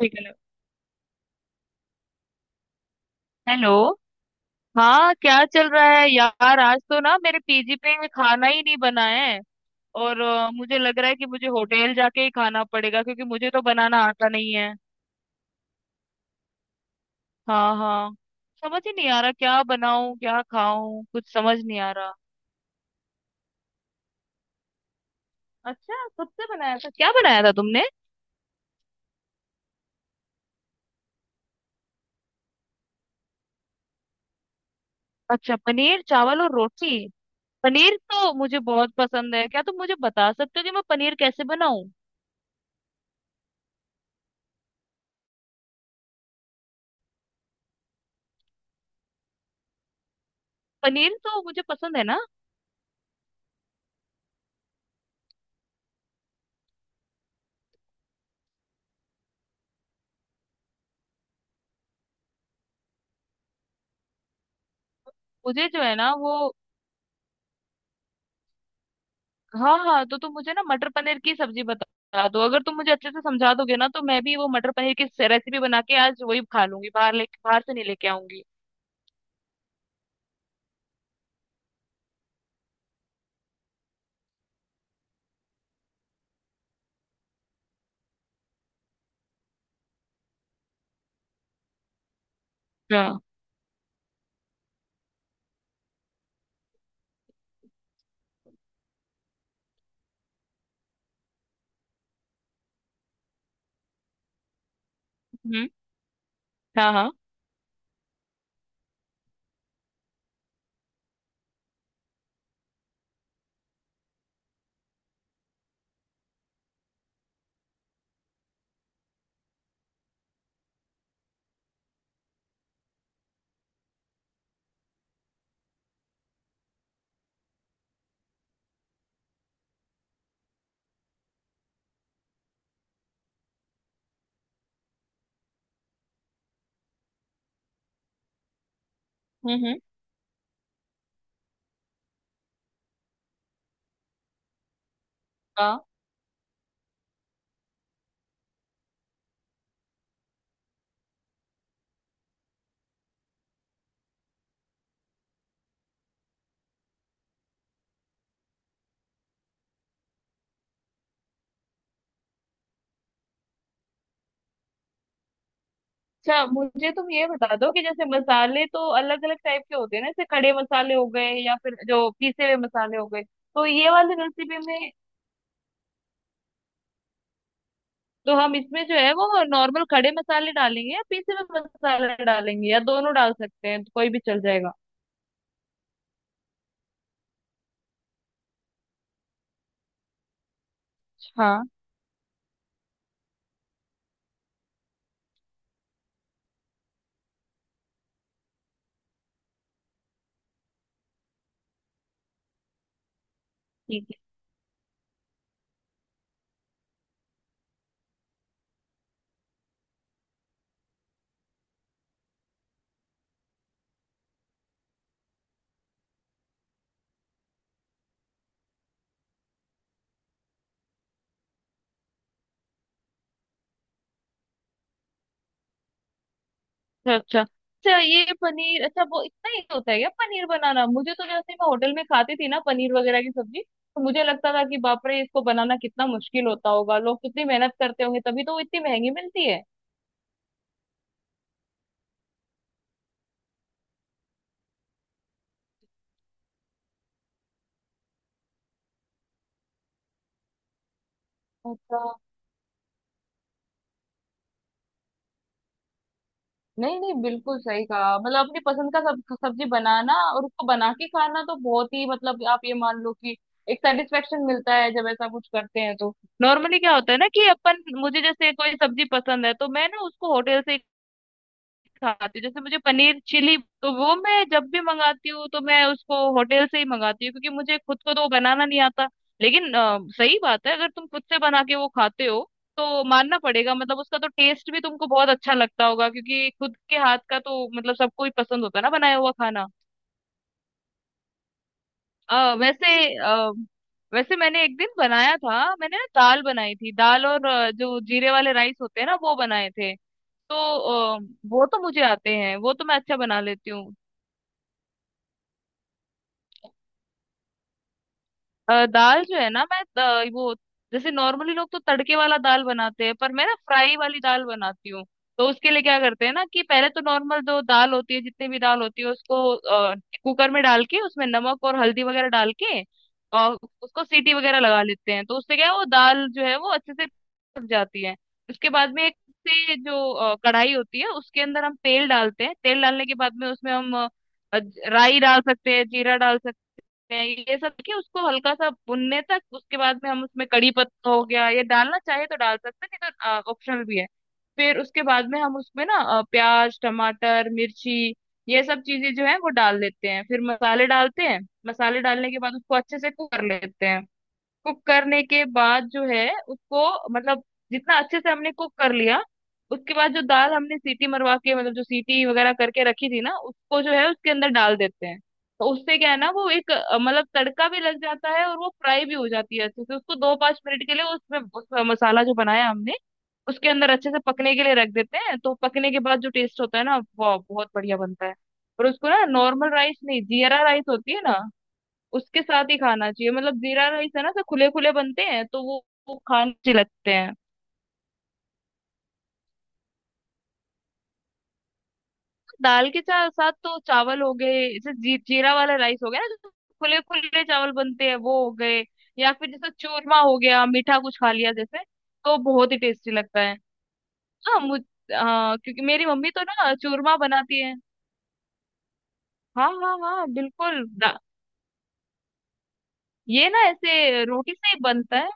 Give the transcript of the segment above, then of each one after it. Hello. Hello. हाँ, क्या चल रहा है यार? आज तो ना मेरे पीजी पे खाना ही नहीं बना है। और मुझे लग रहा है कि मुझे होटल जाके ही खाना पड़ेगा, क्योंकि मुझे तो बनाना आता नहीं है। हाँ हाँ। समझ ही नहीं आ रहा, क्या बनाऊं क्या खाऊं, कुछ समझ नहीं आ रहा। अच्छा, खुद से बनाया था? क्या बनाया था तुमने? अच्छा, पनीर चावल और रोटी। पनीर तो मुझे बहुत पसंद है, क्या तुम मुझे बता सकते हो कि मैं पनीर कैसे बनाऊं? पनीर तो मुझे पसंद है ना। मुझे जो है ना वो। हाँ हाँ, तो तुम मुझे ना मटर पनीर की सब्जी बता दो, अगर तुम मुझे अच्छे से समझा दोगे ना तो मैं भी वो मटर पनीर की रेसिपी बना के आज वही खा लूंगी, बाहर ले बाहर से नहीं लेके आऊंगी। हाँ। हम्म। हाँ हाँ। हम्म। हाँ। अच्छा मुझे तुम ये बता दो कि जैसे मसाले तो अलग अलग टाइप के होते हैं ना, जैसे खड़े मसाले हो गए या फिर जो पीसे हुए मसाले हो गए, तो ये वाली रेसिपी में तो हम इसमें जो है वो नॉर्मल खड़े मसाले डालेंगे या पीसे हुए मसाले डालेंगे या दोनों डाल सकते हैं, तो कोई भी चल जाएगा? हाँ। ठीक है। अच्छा अच्छा। अच्छा ये पनीर, अच्छा वो इतना ही होता है क्या पनीर बनाना? मुझे तो जैसे मैं होटल में खाती थी ना पनीर वगैरह की सब्जी, तो मुझे लगता था कि बाप रे इसको बनाना कितना मुश्किल होता होगा, लोग कितनी मेहनत करते होंगे, तभी तो वो इतनी महंगी मिलती है। अच्छा। नहीं नहीं, बिल्कुल सही कहा, मतलब अपनी पसंद का सब्जी बनाना और उसको बना के खाना तो बहुत ही, मतलब आप ये मान लो कि एक सेटिस्फेक्शन मिलता है जब ऐसा कुछ करते हैं तो। नॉर्मली क्या होता है ना कि अपन, मुझे जैसे कोई सब्जी पसंद है तो मैं ना उसको होटल से खाती हूँ, जैसे मुझे पनीर चिली, तो वो मैं जब भी मंगाती हूँ तो मैं उसको होटल से ही मंगाती हूँ क्योंकि मुझे खुद को तो वो बनाना नहीं आता। लेकिन सही बात है, अगर तुम खुद से बना के वो खाते हो तो मानना पड़ेगा, मतलब उसका तो टेस्ट भी तुमको बहुत अच्छा लगता होगा क्योंकि खुद के हाथ का तो मतलब सबको ही पसंद होता है ना बनाया हुआ खाना। वैसे अ, वैसे मैंने एक दिन बनाया था, मैंने ना दाल बनाई थी, दाल और जो जीरे वाले राइस होते हैं ना वो बनाए थे। तो अ, वो तो मुझे आते हैं, वो तो मैं अच्छा बना लेती हूँ। दाल जो है ना, मैं वो, जैसे नॉर्मली लोग तो तड़के वाला दाल बनाते हैं पर मैं ना फ्राई वाली दाल बनाती हूँ। तो उसके लिए क्या करते हैं ना कि पहले तो नॉर्मल जो दाल होती है, जितनी भी दाल होती है उसको कुकर में डाल के उसमें नमक और हल्दी वगैरह डाल के और उसको सीटी वगैरह लगा लेते हैं, तो उससे क्या है वो दाल जो है वो अच्छे से पक जाती है। उसके बाद में एक से जो कढ़ाई होती है उसके अंदर हम तेल डालते हैं, तेल डालने के बाद में उसमें हम राई डाल सकते हैं, जीरा डाल सकते हैं, ये सब कि उसको हल्का सा भुनने तक। उसके बाद में हम उसमें कड़ी पत्ता हो गया ये डालना चाहे तो डाल सकते हैं, नहीं तो ऑप्शनल भी है। फिर उसके बाद में हम उसमें ना प्याज टमाटर मिर्ची ये सब चीजें जो है वो डाल देते हैं, फिर मसाले डालते हैं। मसाले डालने के बाद उसको अच्छे से कुक कर लेते हैं। कुक करने के बाद जो है उसको, मतलब जितना अच्छे से हमने कुक कर लिया, उसके बाद जो दाल हमने सीटी मरवा के, मतलब जो सीटी वगैरह करके रखी थी ना, उसको जो है उसके अंदर डाल देते हैं। तो उससे क्या है ना वो एक मतलब तड़का भी लग जाता है और वो फ्राई भी हो जाती है अच्छे से। उसको दो पांच मिनट के लिए उसमें उस मसाला जो बनाया हमने उसके अंदर अच्छे से पकने के लिए रख देते हैं, तो पकने के बाद जो टेस्ट होता है ना वो बहुत बढ़िया बनता है। और उसको ना नॉर्मल राइस नहीं, जीरा राइस होती है ना उसके साथ ही खाना चाहिए, मतलब जीरा राइस है ना सब खुले खुले बनते हैं तो वो खाने अच्छे लगते हैं। दाल के साथ तो चावल हो गए, जैसे जीरा वाला राइस हो गया ना जो खुले खुले चावल बनते हैं वो हो गए, या फिर जैसे चूरमा हो गया, मीठा कुछ खा लिया जैसे, तो बहुत ही टेस्टी लगता है। हाँ मुझ हाँ, क्योंकि मेरी मम्मी तो ना चूरमा बनाती है। हाँ हाँ हाँ, बिल्कुल। ये ना ऐसे रोटी से ही बनता है।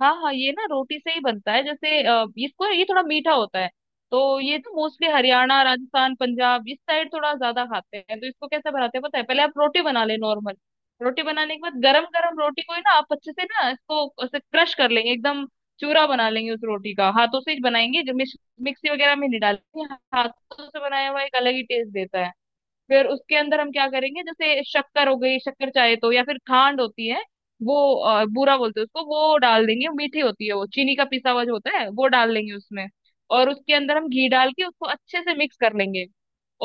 हाँ हाँ, ये ना रोटी से ही बनता है, जैसे इसको, ये थोड़ा मीठा होता है। तो ये तो मोस्टली हरियाणा राजस्थान पंजाब इस साइड थोड़ा ज्यादा खाते हैं। तो इसको कैसे बनाते हैं पता है, पहले आप रोटी बना ले नॉर्मल। रोटी बनाने के बाद गरम गरम रोटी को ही ना आप अच्छे से ना इसको ऐसे क्रश कर लेंगे एकदम, चूरा बना लेंगे उस रोटी का, हाथों से ही बनाएंगे, जो मिक्सी वगैरह में नहीं डालेंगे, हाथों से बनाया हुआ एक अलग ही टेस्ट देता है। फिर उसके अंदर हम क्या करेंगे, जैसे शक्कर हो गई, शक्कर चाहे तो, या फिर खांड होती है वो, बूरा बोलते हैं उसको, वो डाल देंगे, मीठी होती है वो, चीनी का पिसा हुआ जो होता है वो डाल देंगे उसमें। और उसके अंदर हम घी डाल के उसको अच्छे से मिक्स कर लेंगे।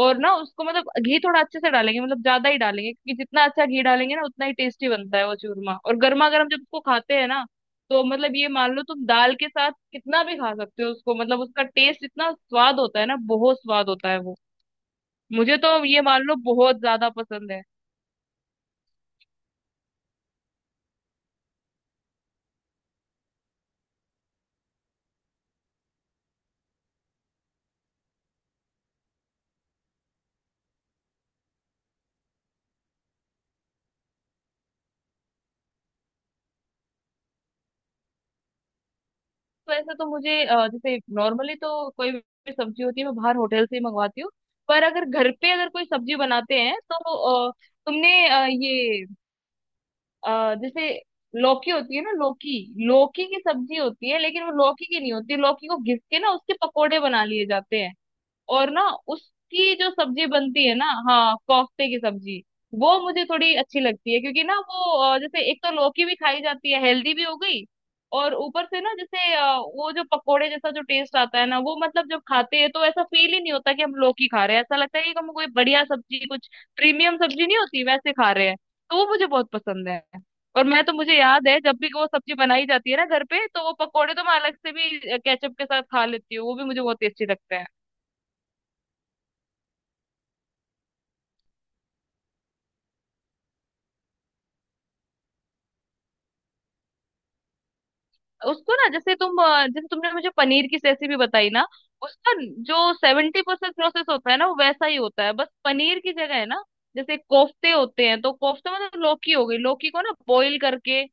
और ना उसको, मतलब घी थोड़ा अच्छे से डालेंगे, मतलब ज्यादा ही डालेंगे, क्योंकि जितना अच्छा घी डालेंगे ना उतना ही टेस्टी बनता है वो चूरमा। और गर्मा गर्म जब उसको खाते हैं ना, तो मतलब ये मान लो तुम दाल के साथ कितना भी खा सकते हो उसको, मतलब उसका टेस्ट इतना स्वाद होता है ना, बहुत स्वाद होता है वो। मुझे तो ये मान लो बहुत ज्यादा पसंद है। तो ऐसे तो मुझे जैसे नॉर्मली तो कोई भी सब्जी होती है मैं बाहर होटल से ही मंगवाती हूँ, पर अगर घर पे अगर कोई सब्जी बनाते हैं तो अ, तुमने ये जैसे लौकी होती है ना, लौकी। लौकी की सब्जी होती है लेकिन वो लौकी की नहीं होती, लौकी को घिस के ना उसके पकोड़े बना लिए जाते हैं और ना उसकी जो सब्जी बनती है ना, हाँ, कोफ्ते की सब्जी, वो मुझे थोड़ी अच्छी लगती है। क्योंकि ना वो जैसे एक तो लौकी भी खाई जाती है, हेल्दी भी हो गई, और ऊपर से ना जैसे वो जो पकोड़े जैसा जो टेस्ट आता है ना वो, मतलब जब खाते हैं तो ऐसा फील ही नहीं होता कि हम लौकी खा रहे हैं, ऐसा लगता है कि हम कोई बढ़िया सब्जी, कुछ प्रीमियम सब्जी नहीं होती वैसे खा रहे हैं। तो वो मुझे बहुत पसंद है। और मैं तो, मुझे याद है जब भी वो सब्जी बनाई जाती है ना घर पे, तो वो पकोड़े तो मैं अलग से भी केचप के साथ खा लेती हूँ, वो भी मुझे बहुत टेस्टी लगता है। उसको ना जैसे तुम जैसे तुमने मुझे पनीर की रेसिपी बताई ना, उसका जो सेवेंटी परसेंट प्रोसेस होता है ना वो वैसा ही होता है, बस पनीर की जगह है ना, जैसे कोफ्ते होते हैं तो कोफ्ते, मतलब लौकी हो गई, लौकी को ना बॉईल करके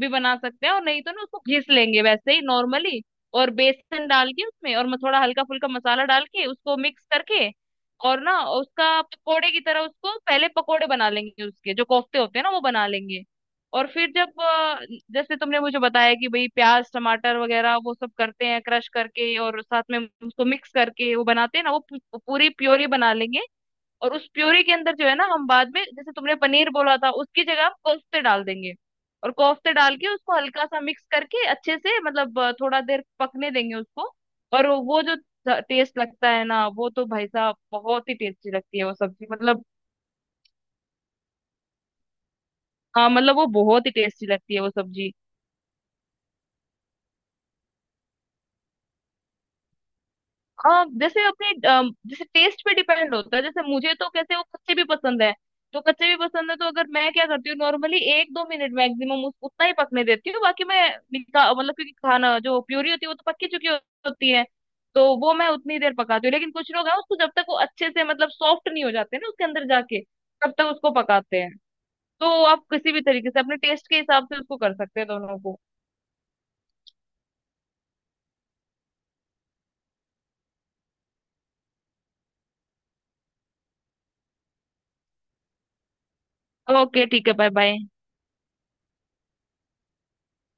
भी बना सकते हैं और नहीं तो ना उसको घिस लेंगे वैसे ही नॉर्मली, और बेसन डाल के उसमें और थोड़ा हल्का फुल्का मसाला डाल के उसको मिक्स करके, और ना उसका पकोड़े की तरह उसको पहले पकोड़े बना लेंगे, उसके जो कोफ्ते होते हैं ना वो बना लेंगे। और फिर जब जैसे तुमने मुझे बताया कि भाई प्याज टमाटर वगैरह वो सब करते हैं क्रश करके और साथ में उसको मिक्स करके वो बनाते हैं ना, वो पूरी प्योरी बना लेंगे। और उस प्योरी के अंदर जो है ना हम बाद में जैसे तुमने पनीर बोला था उसकी जगह हम कोफ्ते डाल देंगे। और कोफ्ते डाल के उसको हल्का सा मिक्स करके अच्छे से, मतलब थोड़ा देर पकने देंगे उसको। और वो जो टेस्ट लगता है ना, वो तो भाई साहब बहुत ही टेस्टी लगती है वो सब्जी, मतलब। हाँ, मतलब वो बहुत ही टेस्टी लगती है वो सब्जी। जैसे अपने, जैसे टेस्ट पे डिपेंड होता है, जैसे मुझे तो कैसे वो कच्चे भी पसंद है, तो कच्चे भी पसंद है, तो अगर मैं क्या करती हूँ नॉर्मली एक दो मिनट मैक्सिमम उतना ही पकने देती हूँ बाकी, मैं निका मतलब क्योंकि खाना जो प्यूरी होती है वो तो पक्की चुकी होती है। तो वो मैं उतनी देर पकाती हूँ, लेकिन कुछ लोग हैं उसको जब तक वो अच्छे से मतलब सॉफ्ट नहीं हो जाते ना उसके अंदर जाके तब तक उसको पकाते हैं। तो आप किसी भी तरीके से अपने टेस्ट के हिसाब से उसको कर सकते हैं दोनों को। ओके ठीक है, बाय बाय।